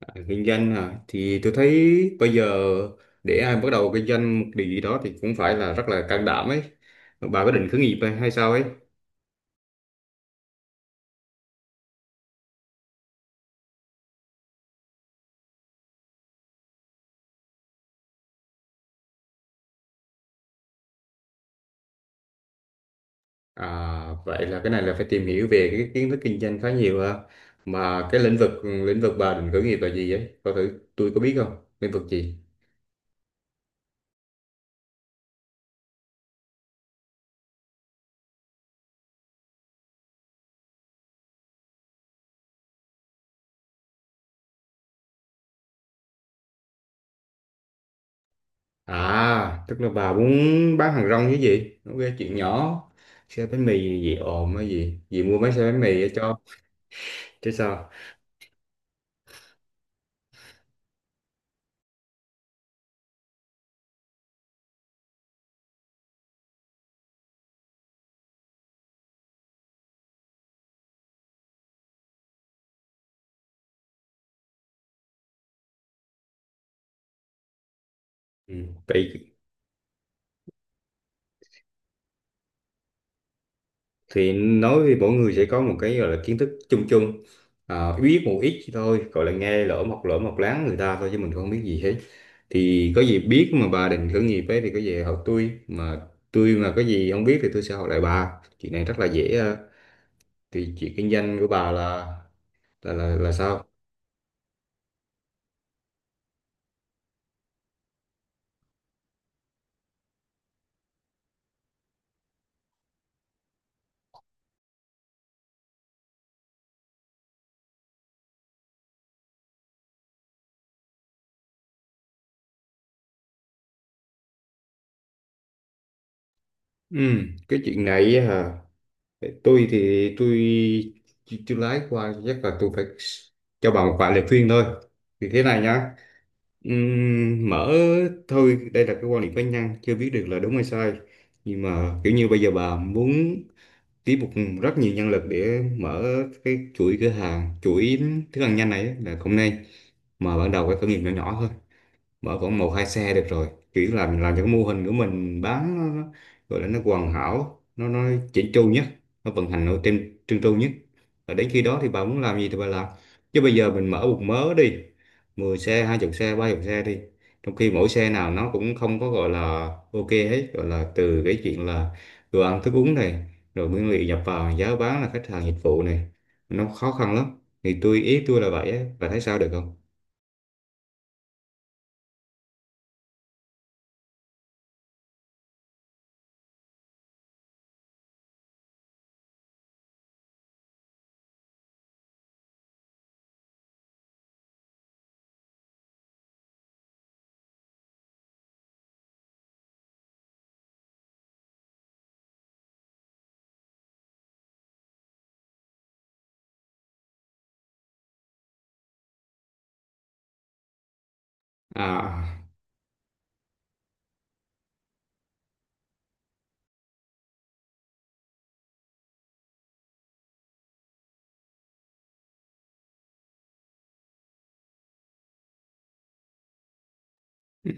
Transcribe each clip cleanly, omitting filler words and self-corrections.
À, kinh doanh hả? Thì tôi thấy bây giờ để ai bắt đầu kinh doanh một điều gì đó thì cũng phải là rất là can đảm ấy. Bà có định khởi nghiệp hay hay sao ấy? À, vậy là cái này là phải tìm hiểu về cái kiến thức kinh doanh khá nhiều ha. Mà cái lĩnh vực bà định khởi nghiệp là gì ấy? Coi thử tôi có biết không? Lĩnh vực gì? À, tức là bà muốn bán hàng rong chứ gì? Ok, chuyện nhỏ. Xe bánh mì gì gì ồn hay gì? Gì mua mấy xe bánh mì để cho chứ sao? Ừ. Vậy thì nói với mỗi người sẽ có một cái gọi là kiến thức chung chung, à, biết một ít thôi gọi là nghe lỡ mọc láng người ta thôi chứ mình không biết gì hết. Thì có gì biết mà bà định khởi nghiệp ấy thì có gì học tôi, mà tôi mà có gì không biết thì tôi sẽ học lại bà, chuyện này rất là dễ à. Thì chuyện kinh doanh của bà là là sao? Ừ, cái chuyện này á hả, tôi thì tôi lái qua chắc là tôi phải cho bà một vài lời khuyên thôi. Thì thế này nhá. Mở, thôi đây là cái quan điểm cá nhân chưa biết được là đúng hay sai, nhưng mà kiểu như bây giờ bà muốn tiếp một rất nhiều nhân lực để mở cái chuỗi cửa hàng chuỗi thức ăn nhanh này á, là không nên. Mà ban đầu cái khởi nghiệp nhỏ nhỏ thôi, mở khoảng một hai xe được rồi, kiểu là mình làm cho cái mô hình của mình bán nó, nó gọi là nó hoàn hảo nó chỉnh chu nhất, nó vận hành nó trên trơn tru nhất. Và đến khi đó thì bà muốn làm gì thì bà làm, chứ bây giờ mình mở một mớ đi, 10 xe hai chục xe ba chục xe đi, trong khi mỗi xe nào nó cũng không có gọi là ok hết, gọi là từ cái chuyện là đồ ăn thức uống này rồi nguyên liệu nhập vào giá bán là khách hàng dịch vụ này, nó khó khăn lắm. Thì tôi ý tôi là vậy á, bà thấy sao được không? À. Ừ,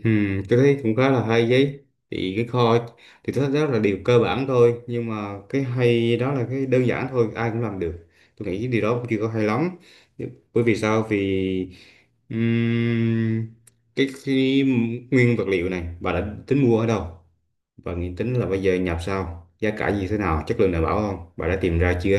tôi thấy cũng khá là hay đấy. Thì cái kho thì tôi thấy đó là điều cơ bản thôi, nhưng mà cái hay đó là cái đơn giản thôi ai cũng làm được, tôi nghĩ cái điều đó cũng chưa có hay lắm. Bởi vì sao, vì ừm, cái nguyên vật liệu này bà đã tính mua ở đâu, và nghĩ tính là bây giờ nhập sao giá cả như thế nào chất lượng đảm bảo không, bà đã tìm ra chưa?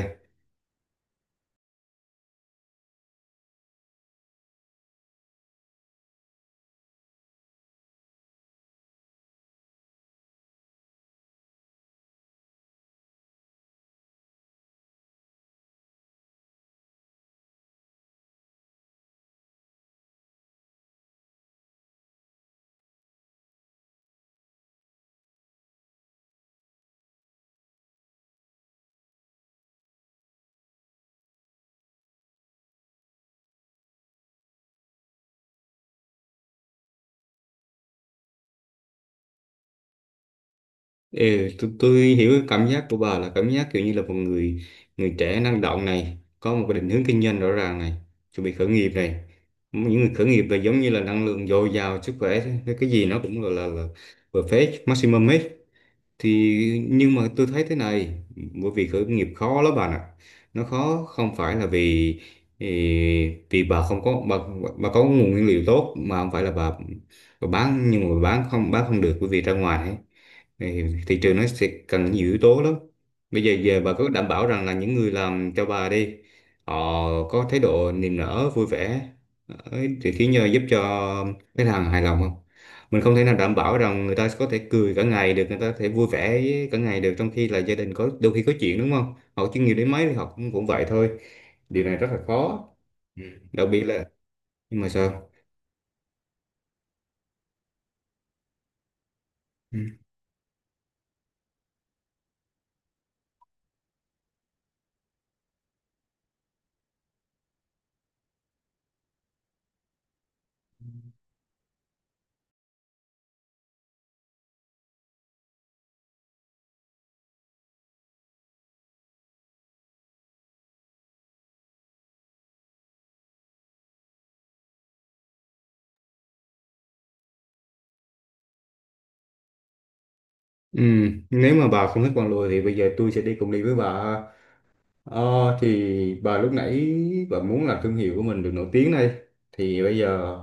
Ừ, tôi hiểu cái cảm giác của bà là cảm giác kiểu như là một người người trẻ năng động này, có một cái định hướng kinh doanh rõ ràng này, chuẩn bị khởi nghiệp này. Những người khởi nghiệp là giống như là năng lượng dồi dào sức khỏe thế, cái gì nó cũng là perfect maximum hết. Thì nhưng mà tôi thấy thế này, bởi vì khởi nghiệp khó lắm bà ạ. Nó khó không phải là vì ì, vì bà không có bà có nguồn nguyên liệu tốt mà không phải là bà bán, nhưng mà bán không được, bởi vì ra ngoài ấy, thì thị trường nó sẽ cần nhiều yếu tố lắm. Bây giờ giờ bà có đảm bảo rằng là những người làm cho bà đi, họ có thái độ niềm nở vui vẻ ấy, thì khiến nhờ giúp cho khách hàng hài lòng không? Mình không thể nào đảm bảo rằng người ta có thể cười cả ngày được, người ta có thể vui vẻ với cả ngày được, trong khi là gia đình có đôi khi có chuyện đúng không? Họ chuyên nghiệp đến mấy thì họ cũng cũng vậy thôi. Điều này rất là khó. Ừ. Đặc biệt là, nhưng mà sao? Ừ. Ừ. Nếu mà bà không thích con lùi thì bây giờ tôi sẽ đi với bà. Ờ, thì bà lúc nãy bà muốn làm thương hiệu của mình được nổi tiếng đây, thì bây giờ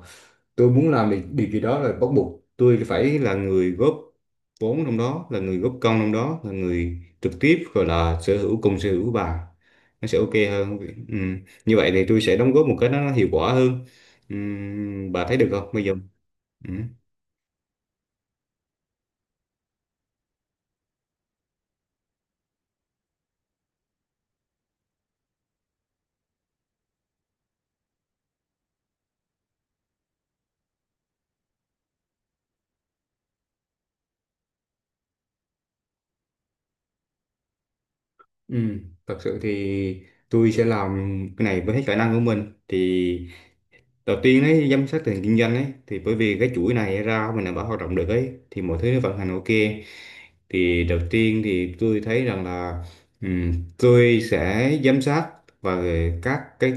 tôi muốn làm thì điều gì đó là bắt buộc tôi phải là người góp vốn trong đó, là người góp công trong đó, là người trực tiếp gọi là sở hữu cùng sở hữu bà, nó sẽ ok hơn. Ừ. Như vậy thì tôi sẽ đóng góp một cái nó hiệu quả hơn. Ừ. Bà thấy được không bây giờ? Ừ. Ừ. Thật sự thì tôi sẽ làm cái này với hết khả năng của mình. Thì đầu tiên ấy, giám sát tình hình kinh doanh ấy, thì bởi vì cái chuỗi này ra mình đảm bảo hoạt động được ấy, thì mọi thứ nó vận hành ok. Thì đầu tiên thì tôi thấy rằng là ừm, tôi sẽ giám sát và các cái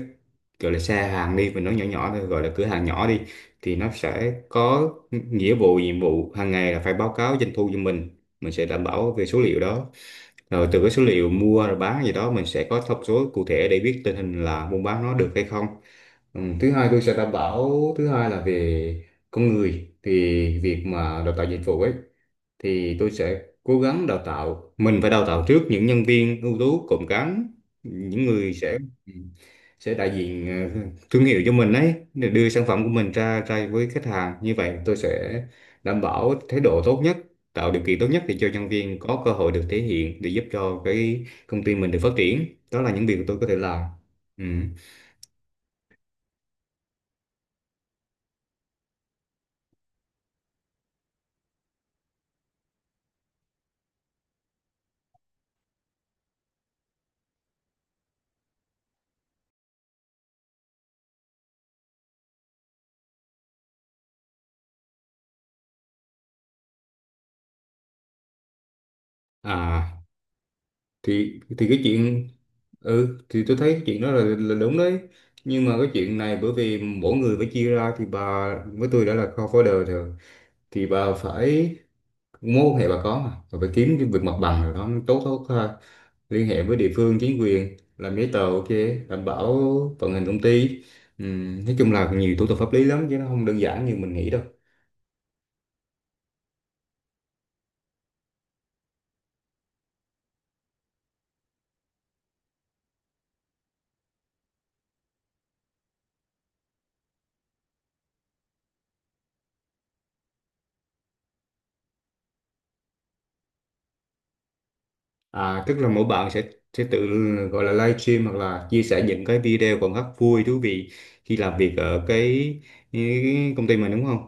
gọi là xe hàng đi, mình nói nhỏ nhỏ thôi, gọi là cửa hàng nhỏ đi, thì nó sẽ có nghĩa vụ nhiệm vụ hàng ngày là phải báo cáo doanh thu cho mình sẽ đảm bảo về số liệu đó, rồi từ cái số liệu mua rồi bán gì đó mình sẽ có thông số cụ thể để biết tình hình là buôn bán nó được hay không. Ừ, thứ hai tôi sẽ đảm bảo, thứ hai là về con người, thì việc mà đào tạo dịch vụ ấy thì tôi sẽ cố gắng đào tạo, mình phải đào tạo trước những nhân viên ưu tú cộm cán, những người sẽ đại diện ờ, thương hiệu cho mình ấy, để đưa sản phẩm của mình ra ra với khách hàng. Như vậy tôi sẽ đảm bảo thái độ tốt nhất, tạo điều kiện tốt nhất để cho nhân viên có cơ hội được thể hiện, để giúp cho cái công ty mình được phát triển. Đó là những việc tôi có thể làm. Ừ. À, thì cái chuyện, ừ thì tôi thấy cái chuyện đó là đúng đấy. Nhưng mà cái chuyện này bởi vì mỗi người phải chia ra, thì bà với tôi đã là co-founder rồi, thì bà phải, mối quan hệ bà có mà, bà phải kiếm cái việc mặt bằng rồi đó, tốt tốt ha, liên hệ với địa phương chính quyền làm giấy tờ ok, đảm bảo vận hành công ty. Nói chung là nhiều thủ tục pháp lý lắm chứ nó không đơn giản như mình nghĩ đâu. À, tức là mỗi bạn sẽ tự gọi là live stream hoặc là chia sẻ những cái video còn rất vui thú vị khi làm việc ở cái công ty mình đúng không?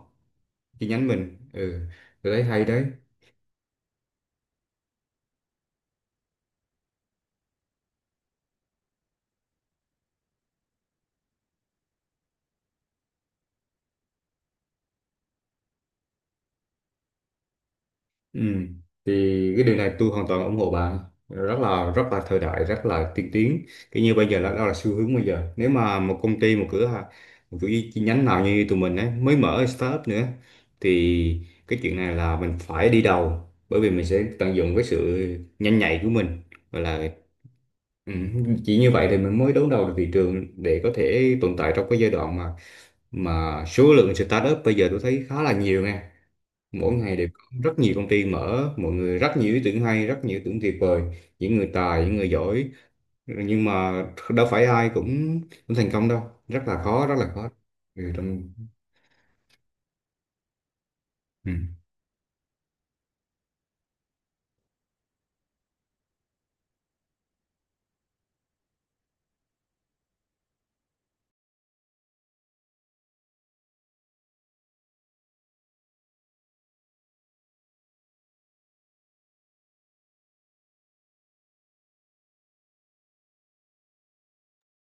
Chi nhánh mình. Ừ, tôi thấy hay đấy. Ừ. Thì cái điều này tôi hoàn toàn ủng hộ bà. Rất là thời đại, rất là tiên tiến, cái như bây giờ là đó là xu hướng bây giờ. Nếu mà một công ty, một cửa hàng, một chủ chi nhánh nào như tụi mình ấy mới mở startup nữa, thì cái chuyện này là mình phải đi đầu, bởi vì mình sẽ tận dụng cái sự nhanh nhạy của mình và là, ừ, chỉ như vậy thì mình mới đấu đầu được thị trường để có thể tồn tại trong cái giai đoạn mà số lượng startup bây giờ tôi thấy khá là nhiều nha. Mỗi ngày đều có rất nhiều công ty mở, mọi người rất nhiều ý tưởng hay, rất nhiều ý tưởng tuyệt vời, những người tài những người giỏi, nhưng mà đâu phải ai cũng cũng thành công đâu. Rất là khó. Ừ, trong... Ừ.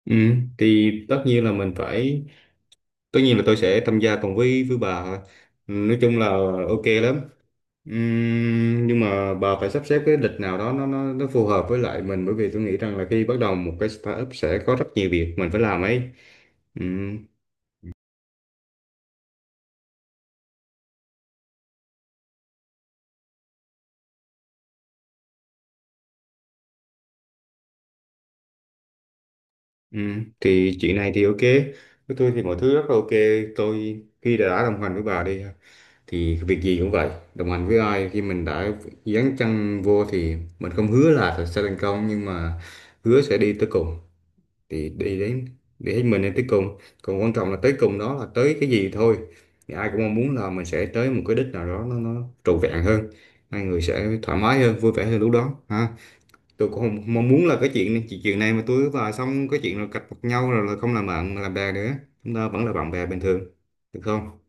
Ừ, thì tất nhiên là mình phải, tất nhiên là tôi sẽ tham gia cùng với bà thôi. Ừ, nói chung là ok lắm. Nhưng mà bà phải sắp xếp cái lịch nào đó nó phù hợp với lại mình, bởi vì tôi nghĩ rằng là khi bắt đầu một cái startup sẽ có rất nhiều việc mình phải làm ấy. Ừm. Ừ, thì chuyện này thì ok, với tôi thì mọi thứ rất là ok. Tôi khi đã đồng hành với bà đi thì việc gì cũng vậy, đồng hành với ai khi mình đã dấn chân vô thì mình không hứa là sẽ thành công, nhưng mà hứa sẽ đi tới cùng. Thì đi đến, đi hết mình đến tới cùng, còn quan trọng là tới cùng đó là tới cái gì thôi. Thì ai cũng mong muốn là mình sẽ tới một cái đích nào đó nó trọn vẹn hơn, hai người sẽ thoải mái hơn vui vẻ hơn lúc đó ha. Tôi cũng không mong muốn là cái chuyện chuyện chuyện này mà tôi và xong cái chuyện là cạch mặt nhau rồi là không làm bạn làm bè nữa. Chúng ta vẫn là bạn bè bình thường, được không?